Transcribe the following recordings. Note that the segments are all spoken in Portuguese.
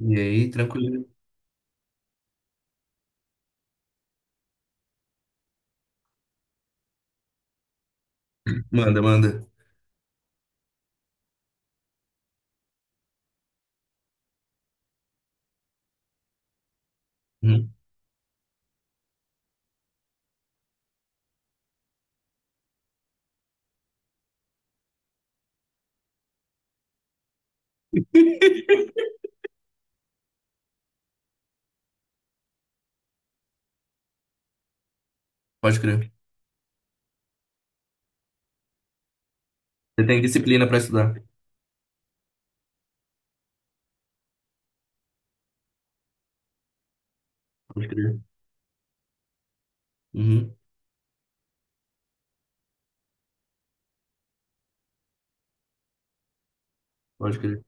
E aí, tranquilo. Manda, manda. Uhum. Pode crer. Você tem disciplina pra estudar. Pode crer. Uhum. Pode crer.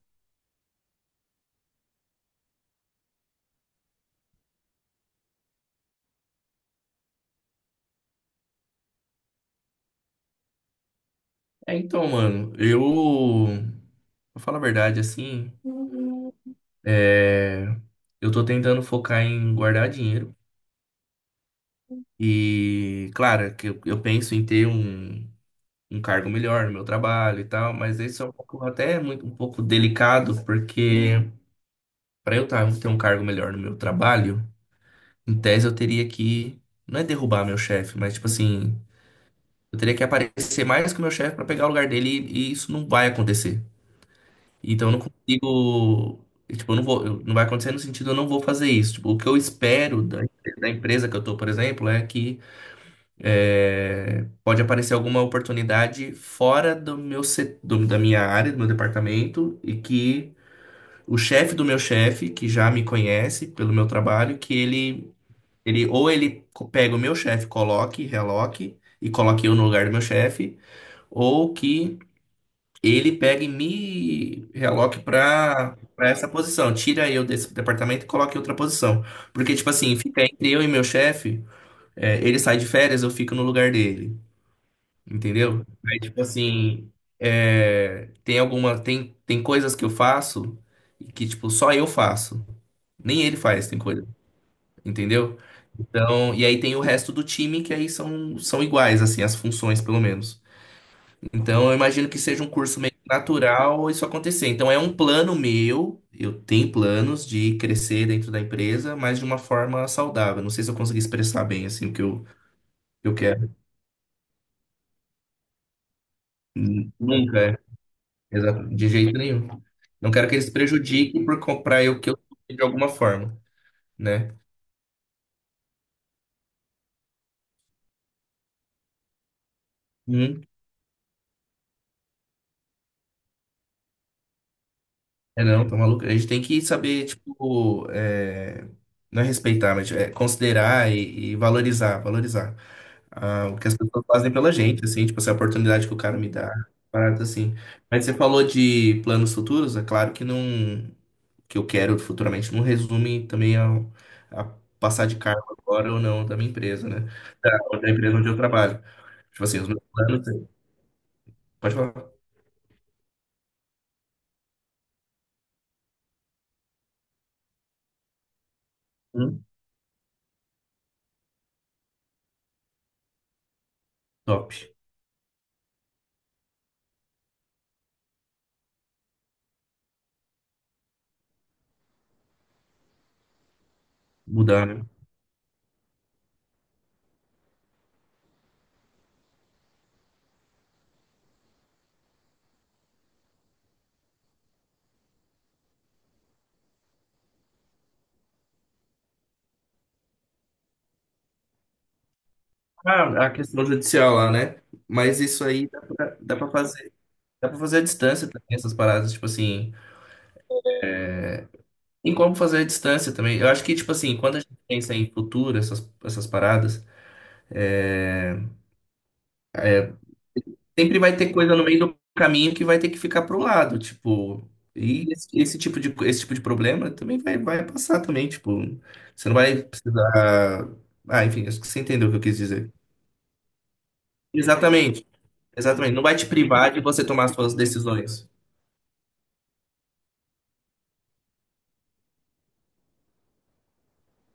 É, então, mano, eu. Pra falar a verdade, assim. É, eu tô tentando focar em guardar dinheiro. E, claro, que eu penso em ter um, um cargo melhor no meu trabalho e tal, mas isso é um pouco, até muito, um pouco delicado, porque ter um cargo melhor no meu trabalho. Em tese, eu teria que. Não é derrubar meu chefe, mas tipo assim. Eu teria que aparecer mais que o meu chefe pra pegar o lugar dele e isso não vai acontecer. Então eu não consigo. Tipo, eu não vou, eu- não vai acontecer no sentido eu não vou fazer isso. Tipo, o que eu espero da empresa que eu tô, por exemplo, é que é, pode aparecer alguma oportunidade fora do meu, da minha área, do meu departamento, e que o chefe do meu chefe, que já me conhece pelo meu trabalho, que ele Ele, ou ele co- pega o meu chefe, coloque, reloque e coloque eu no lugar do meu chefe, ou que ele pegue e me reloque para essa posição. Tira eu desse departamento e coloque em outra posição. Porque, tipo assim, fica entre eu e meu chefe, é, ele sai de férias, eu fico no lugar dele. Entendeu? Aí, tipo assim, é, tem coisas que eu faço que, tipo, só eu faço. Nem ele faz, tem coisa entendeu? Então, e aí tem o resto do time que aí são, são iguais, assim, as funções, pelo menos. Então, eu imagino que seja um curso meio natural isso acontecer. Então, é um plano meu, eu tenho planos de crescer dentro da empresa, mas de uma forma saudável. Não sei se eu consegui expressar bem, assim, o que eu quero. Nunca, é. Exato, de jeito nenhum. Não quero que eles prejudiquem por comprar eu que eu de alguma forma, né? Hum. É, não, tá maluco. A gente tem que saber, tipo, é, não é respeitar, mas tipo, é considerar e valorizar ah, o que as pessoas fazem pela gente, assim, tipo, essa oportunidade que o cara me dá, parada assim. Mas você falou de planos futuros, é claro que não, que eu quero futuramente não resume também a, passar de cargo agora ou não da minha empresa, né? Da, da empresa onde eu trabalho. Tipo assim, os meus planos, pode falar. Hum, top, mudar, né? Ah, a questão judicial lá, né? Mas isso aí dá pra fazer à distância também, essas paradas, tipo assim. Tem como fazer à distância também. Eu acho que, tipo assim, quando a gente pensa em futuro, essas paradas, é, é, sempre vai ter coisa no meio do caminho que vai ter que ficar pro lado, tipo. E esse tipo de problema também vai, vai passar também, tipo. Você não vai precisar. Ah, enfim, acho que você entendeu o que eu quis dizer. Exatamente, exatamente. Não vai te privar de você tomar suas decisões.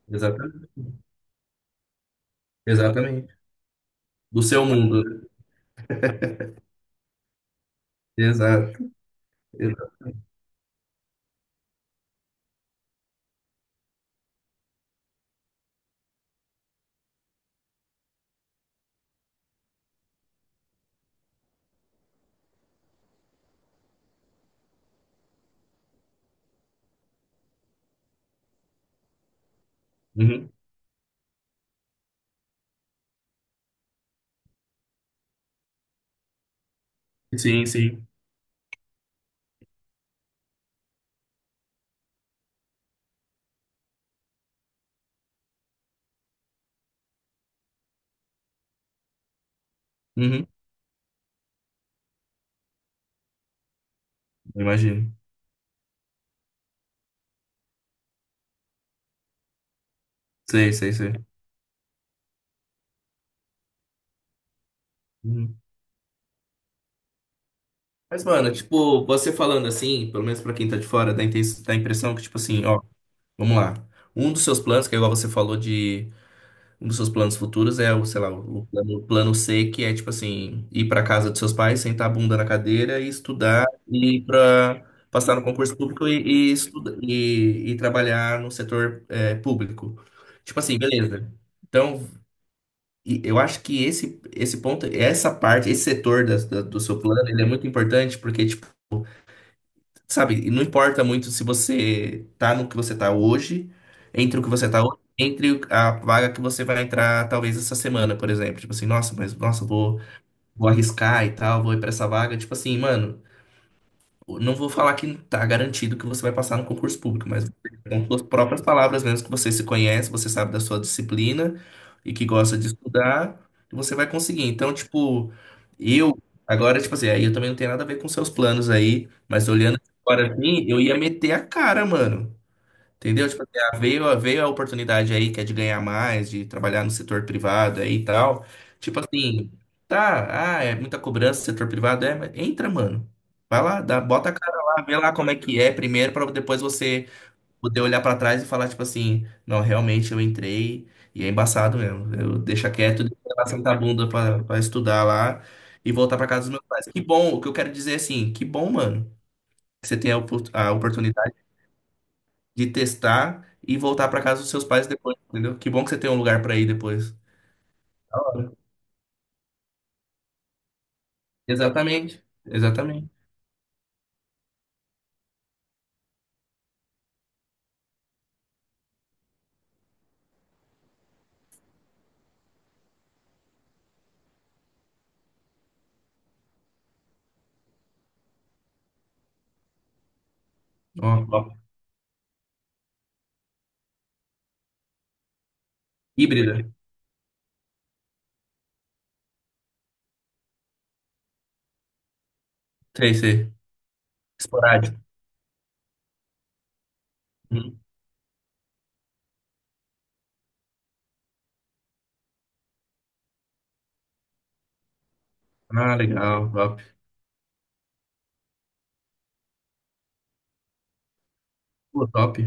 Exatamente. Exatamente. Do seu mundo. Exato. Exato. Uhum. Sim, sim. Uhum. Eu imagino. Sei, sei, sei. Uhum. Mas, mano, tipo, você falando assim, pelo menos pra quem tá de fora, dá, dá a impressão que, tipo assim, ó, vamos lá. Um dos seus planos, que é igual você falou de Um dos seus planos futuros é o, sei lá, o plano C, que é tipo assim, ir para casa dos seus pais, sentar a bunda na cadeira e estudar e para passar no concurso público e trabalhar no setor é, público. Tipo assim, beleza. Então, eu acho que esse ponto, essa parte, esse setor do seu plano, ele é muito importante porque, tipo, sabe, e não importa muito se você tá no que você tá hoje, entre o que você tá hoje, entre a vaga que você vai entrar talvez essa semana, por exemplo. Tipo assim, nossa, mas nossa, vou, vou arriscar e tal, vou ir pra essa vaga. Tipo assim, mano. Não vou falar que tá garantido que você vai passar no concurso público, mas com suas próprias palavras mesmo, que você se conhece, você sabe da sua disciplina e que gosta de estudar, você vai conseguir. Então, tipo, eu, agora, tipo assim, aí eu também não tenho nada a ver com seus planos aí, mas olhando agora assim, eu ia meter a cara, mano. Entendeu? Tipo, assim, ah, veio, veio a oportunidade aí que é de ganhar mais, de trabalhar no setor privado aí e tal. Tipo assim, tá, ah, é muita cobrança, setor privado é, mas entra, mano. Vai lá, dá, bota a cara lá, vê lá como é que é primeiro, pra depois você poder olhar pra trás e falar, tipo assim, não, realmente eu entrei e é embaçado mesmo. Eu deixa quieto, deixa lá sentar a bunda pra estudar lá e voltar pra casa dos meus pais. Que bom, o que eu quero dizer é assim, que bom, mano, que você tem a oportunidade de testar e voltar para casa dos seus pais depois, entendeu? Que bom que você tem um lugar para ir depois. Da hora. Exatamente, exatamente. Ó, ó. Híbrida, sei, sei. Esporádica. Uhum. Ah, legal, top. Pô, top.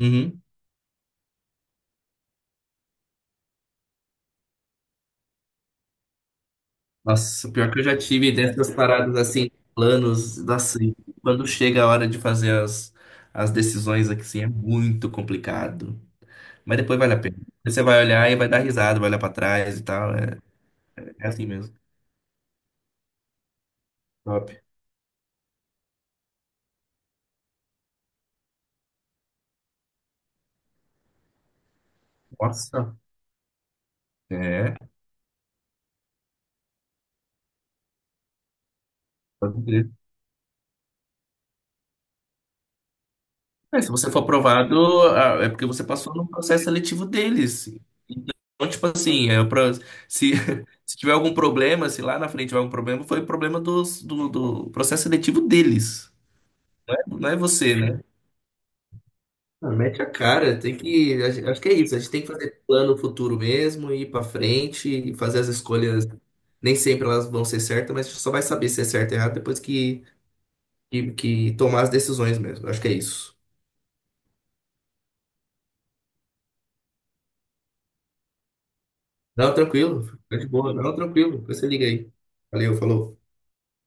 Uhum. Nossa, pior que eu já tive dessas paradas assim, planos, nossa, e quando chega a hora de fazer as, as decisões aqui, assim, é muito complicado. Mas depois vale a pena. Você vai olhar e vai dar risada, vai olhar pra trás e tal. É, é assim mesmo. Top. Nossa. É. Pode crer. É, se você for aprovado, ah, é porque você passou no processo seletivo deles. Então, tipo assim, é pra, se, se tiver algum problema, se lá na frente tiver algum problema, foi problema do processo seletivo deles. Não é você, né? Ah, mete a cara, tem que. A acho que é isso. A gente tem que fazer plano futuro mesmo, ir pra frente e fazer as escolhas. Nem sempre elas vão ser certas, mas a gente só vai saber se é certo ou errado depois que tomar as decisões mesmo. Acho que é isso. Não, tranquilo. Fica de boa. Não, tranquilo. Depois você liga aí. Valeu, falou.